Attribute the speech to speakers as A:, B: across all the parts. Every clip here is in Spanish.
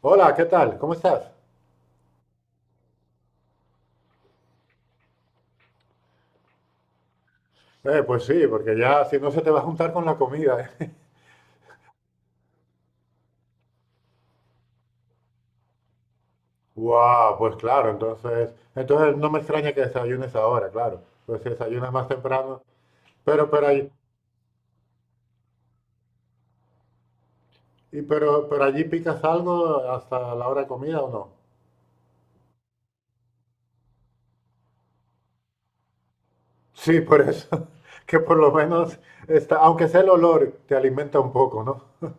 A: Hola, ¿qué tal? ¿Cómo estás? Pues sí, porque ya si no se te va a juntar con la comida, ¿eh? Guau, pues claro, entonces no me extraña que desayunes ahora, claro. Pues si desayunas más temprano. pero pero ahí- y allí picas algo hasta la hora de comida, ¿o no? Sí, por eso, que por lo menos está, aunque sea el olor te alimenta un poco, ¿no?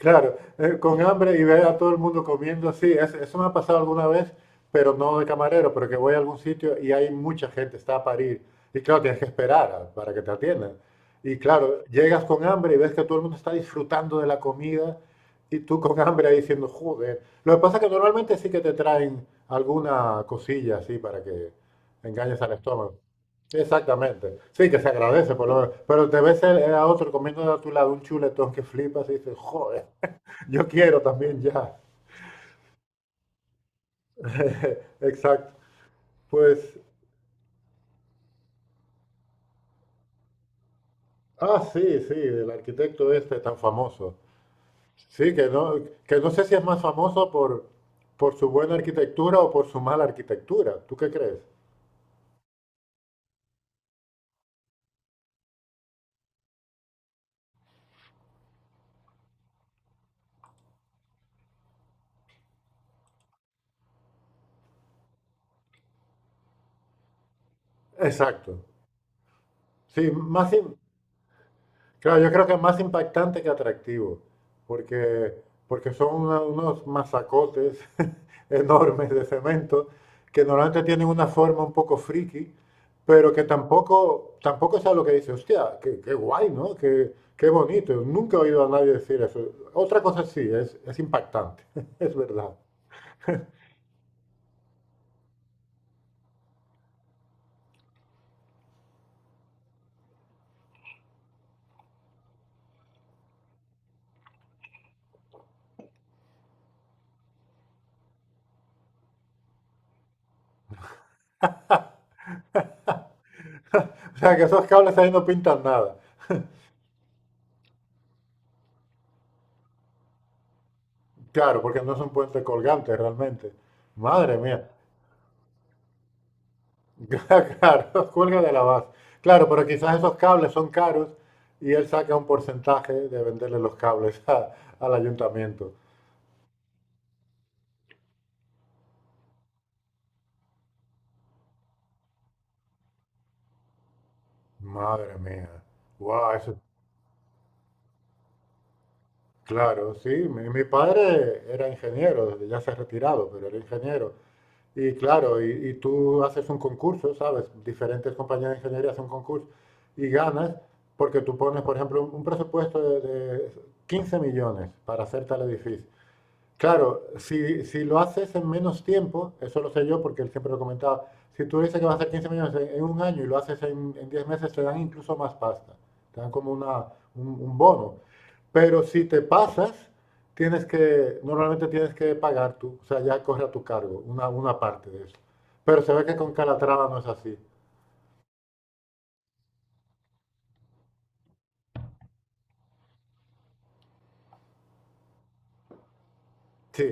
A: Claro, con hambre y ver a todo el mundo comiendo, sí, eso me ha pasado alguna vez, pero no de camarero, pero que voy a algún sitio y hay mucha gente, está a parir, y claro, tienes que esperar para que te atiendan. Y claro, llegas con hambre y ves que todo el mundo está disfrutando de la comida y tú con hambre ahí diciendo, joder. Lo que pasa es que normalmente sí que te traen alguna cosilla así para que engañes al estómago. Exactamente, sí que se agradece, por lo menos, pero te ves a otro comiendo a tu lado un chuletón que flipas y dices, joder. Yo quiero también ya. Exacto. Pues, ah, sí, sí, el arquitecto este tan famoso. Sí, que no sé si es más famoso por su buena arquitectura o por su mala arquitectura. ¿Tú qué crees? Exacto. Sí, más, claro, yo creo que es más impactante que atractivo, porque, porque son unos masacotes enormes de cemento que normalmente tienen una forma un poco friki, pero que tampoco, tampoco es algo que dice, hostia, qué, qué guay, ¿no? Qué, qué bonito. Nunca he oído a nadie decir eso. Otra cosa sí, es impactante, es verdad. O sea, que esos cables ahí no pintan nada. Claro, porque no son puentes colgantes realmente. Madre mía. Claro, cuelga de la base. Claro, pero quizás esos cables son caros y él saca un porcentaje de venderle los cables al ayuntamiento. Madre mía. Wow, eso, claro, sí. Mi padre era ingeniero, ya se ha retirado, pero era ingeniero. Y claro, y tú haces un concurso, ¿sabes? Diferentes compañías de ingeniería hacen un concurso y ganas porque tú pones, por ejemplo, un presupuesto de 15 millones para hacer tal edificio. Claro, si, si lo haces en menos tiempo, eso lo sé yo porque él siempre lo comentaba, si tú dices que vas a hacer 15 millones en un año y lo haces en 10 meses, te dan incluso más pasta, te dan como un bono. Pero si te pasas, tienes que, normalmente tienes que pagar tú, o sea, ya corre a tu cargo una parte de eso. Pero se ve que con Calatrava no es así. Sí,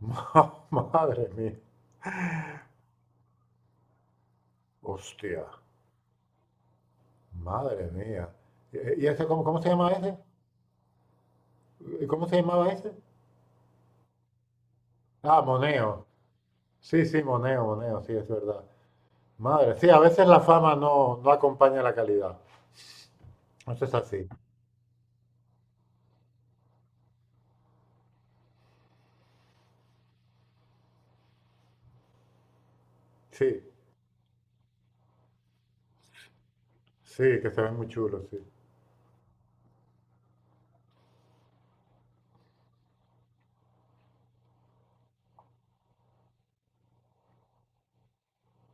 A: madre mía, hostia, madre mía. Y ese, cómo se llama ese? ¿Cómo se llamaba ese? Ah, Moneo. Sí, sí, Moneo, Moneo, sí, es verdad. Madre, sí, a veces la fama no, no acompaña la calidad. Eso es así. Sí, sí, que se ven muy chulos, sí.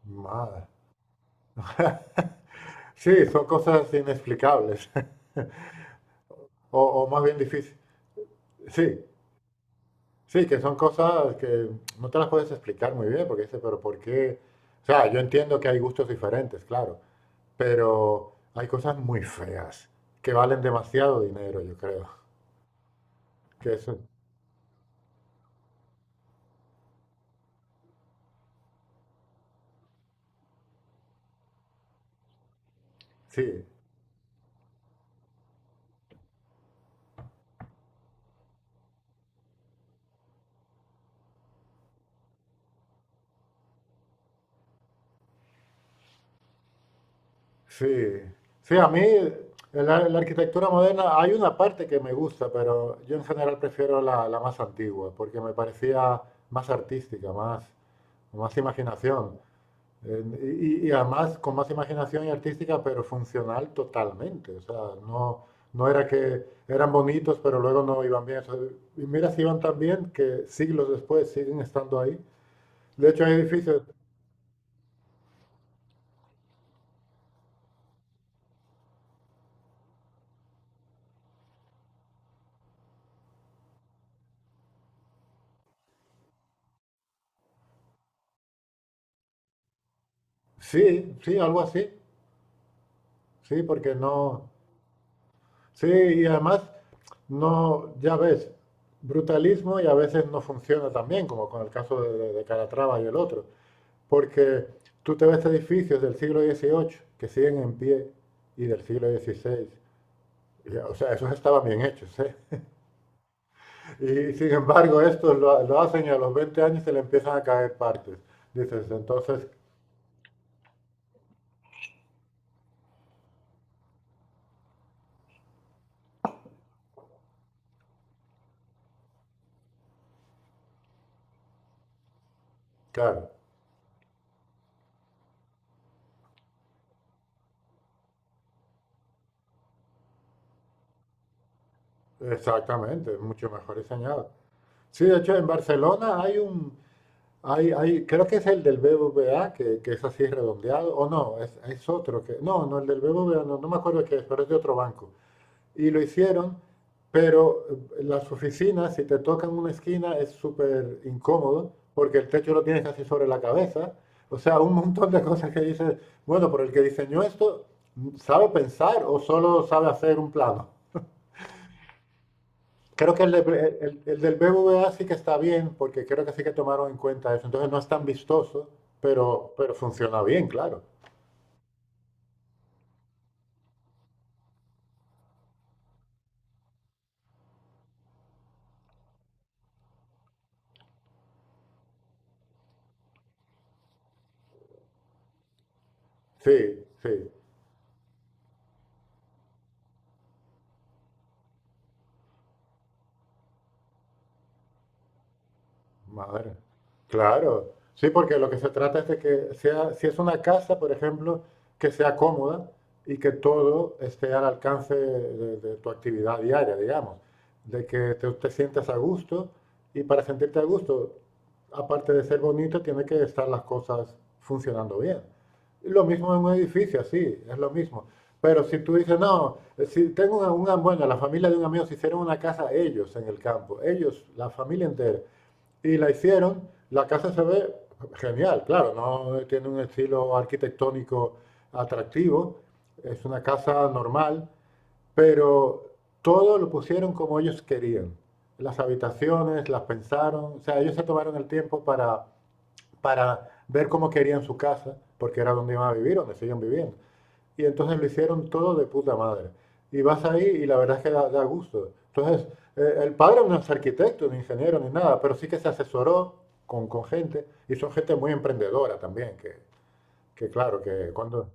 A: Madre. Sí, son cosas inexplicables, o más bien difíciles. Sí, sí, que son cosas que no te las puedes explicar muy bien, porque dices, pero ¿por qué? O sea, yo entiendo que hay gustos diferentes, claro, pero hay cosas muy feas que valen demasiado dinero, yo creo. Que eso, sí, sí, sí, a mí en la arquitectura moderna, hay una parte que me gusta, pero yo en general prefiero la más antigua, porque me parecía más artística, más imaginación. Eh, y además con más imaginación y artística, pero funcional totalmente. O sea, no, no era que eran bonitos, pero luego no iban bien. O sea, y mira si iban tan bien que siglos después siguen estando ahí. De hecho, hay edificios, sí, sí, algo así. Sí, porque no. Sí, y además, no, ya ves, brutalismo y a veces no funciona tan bien, como con el caso de Calatrava y el otro, porque tú te ves edificios del siglo XVIII que siguen en pie y del siglo XVI, y, o sea, esos estaban bien hechos, ¿eh? Y sin embargo, estos lo hacen y a los 20 años se le empiezan a caer partes. Dices, entonces, claro, exactamente, mucho mejor diseñado. Sí, de hecho, en Barcelona hay, creo que es el del BBVA, que es así redondeado, o no, es otro que, no, no, el del BBVA, no, no me acuerdo qué es, pero es de otro banco. Y lo hicieron, pero las oficinas, si te tocan una esquina, es súper incómodo, porque el techo lo tienes casi sobre la cabeza. O sea, un montón de cosas que dices, bueno, pero el que diseñó esto, ¿sabe pensar o solo sabe hacer un plano? Creo que el del BBVA sí que está bien, porque creo que sí que tomaron en cuenta eso. Entonces no es tan vistoso, pero funciona bien, claro. Sí, sí. Madre. Claro. Sí, porque lo que se trata es de que sea, si es una casa, por ejemplo, que sea cómoda y que todo esté al alcance de tu actividad diaria, digamos. De que te sientas a gusto y para sentirte a gusto, aparte de ser bonito, tiene que estar las cosas funcionando bien. Y lo mismo en un edificio, así, es lo mismo. Pero si tú dices, no, si tengo una, bueno, la familia de un amigo se hicieron una casa ellos en el campo, ellos, la familia entera, y la hicieron, la casa se ve genial, claro, no tiene un estilo arquitectónico atractivo, es una casa normal, pero todo lo pusieron como ellos querían. Las habitaciones, las pensaron, o sea, ellos se tomaron el tiempo para ver cómo querían su casa, porque era donde iban a vivir, donde siguen viviendo. Y entonces lo hicieron todo de puta madre. Y vas ahí y la verdad es que da gusto. Entonces, el padre no es arquitecto, ni ingeniero, ni nada, pero sí que se asesoró con gente y son gente muy emprendedora también, que claro, que cuando...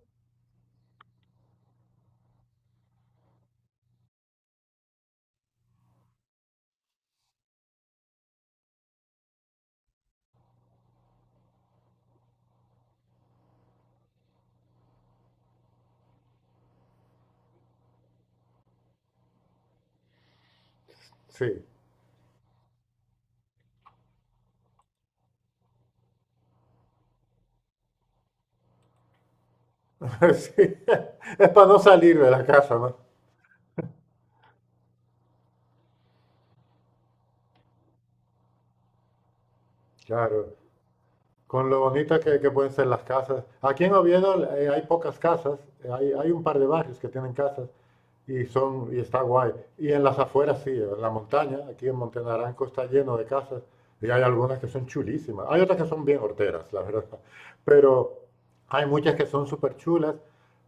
A: Sí, sí, es para no salir de la casa, ¿no? Claro, con lo bonitas que pueden ser las casas. Aquí en Oviedo hay pocas casas, hay un par de barrios que tienen casas, y está guay. Y en las afueras sí, en la montaña, aquí en Montenaranco está lleno de casas y hay algunas que son chulísimas. Hay otras que son bien horteras, la verdad. Pero hay muchas que son súper chulas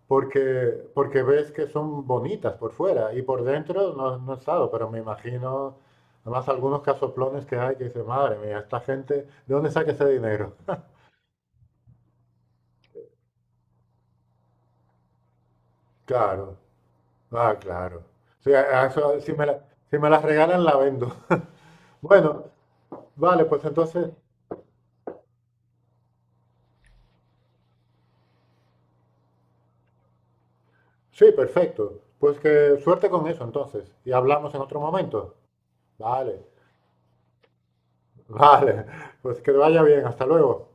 A: porque ves que son bonitas por fuera y por dentro no, no he estado, pero me imagino, además algunos casoplones que hay que dices, madre mía, esta gente, ¿de dónde saca ese dinero? Claro, ah, claro. Sí, a eso, si me si me las regalan, la vendo. Bueno, vale, pues entonces, sí, perfecto. Pues que suerte con eso entonces. Y hablamos en otro momento. Vale, vale. Pues que te vaya bien. Hasta luego.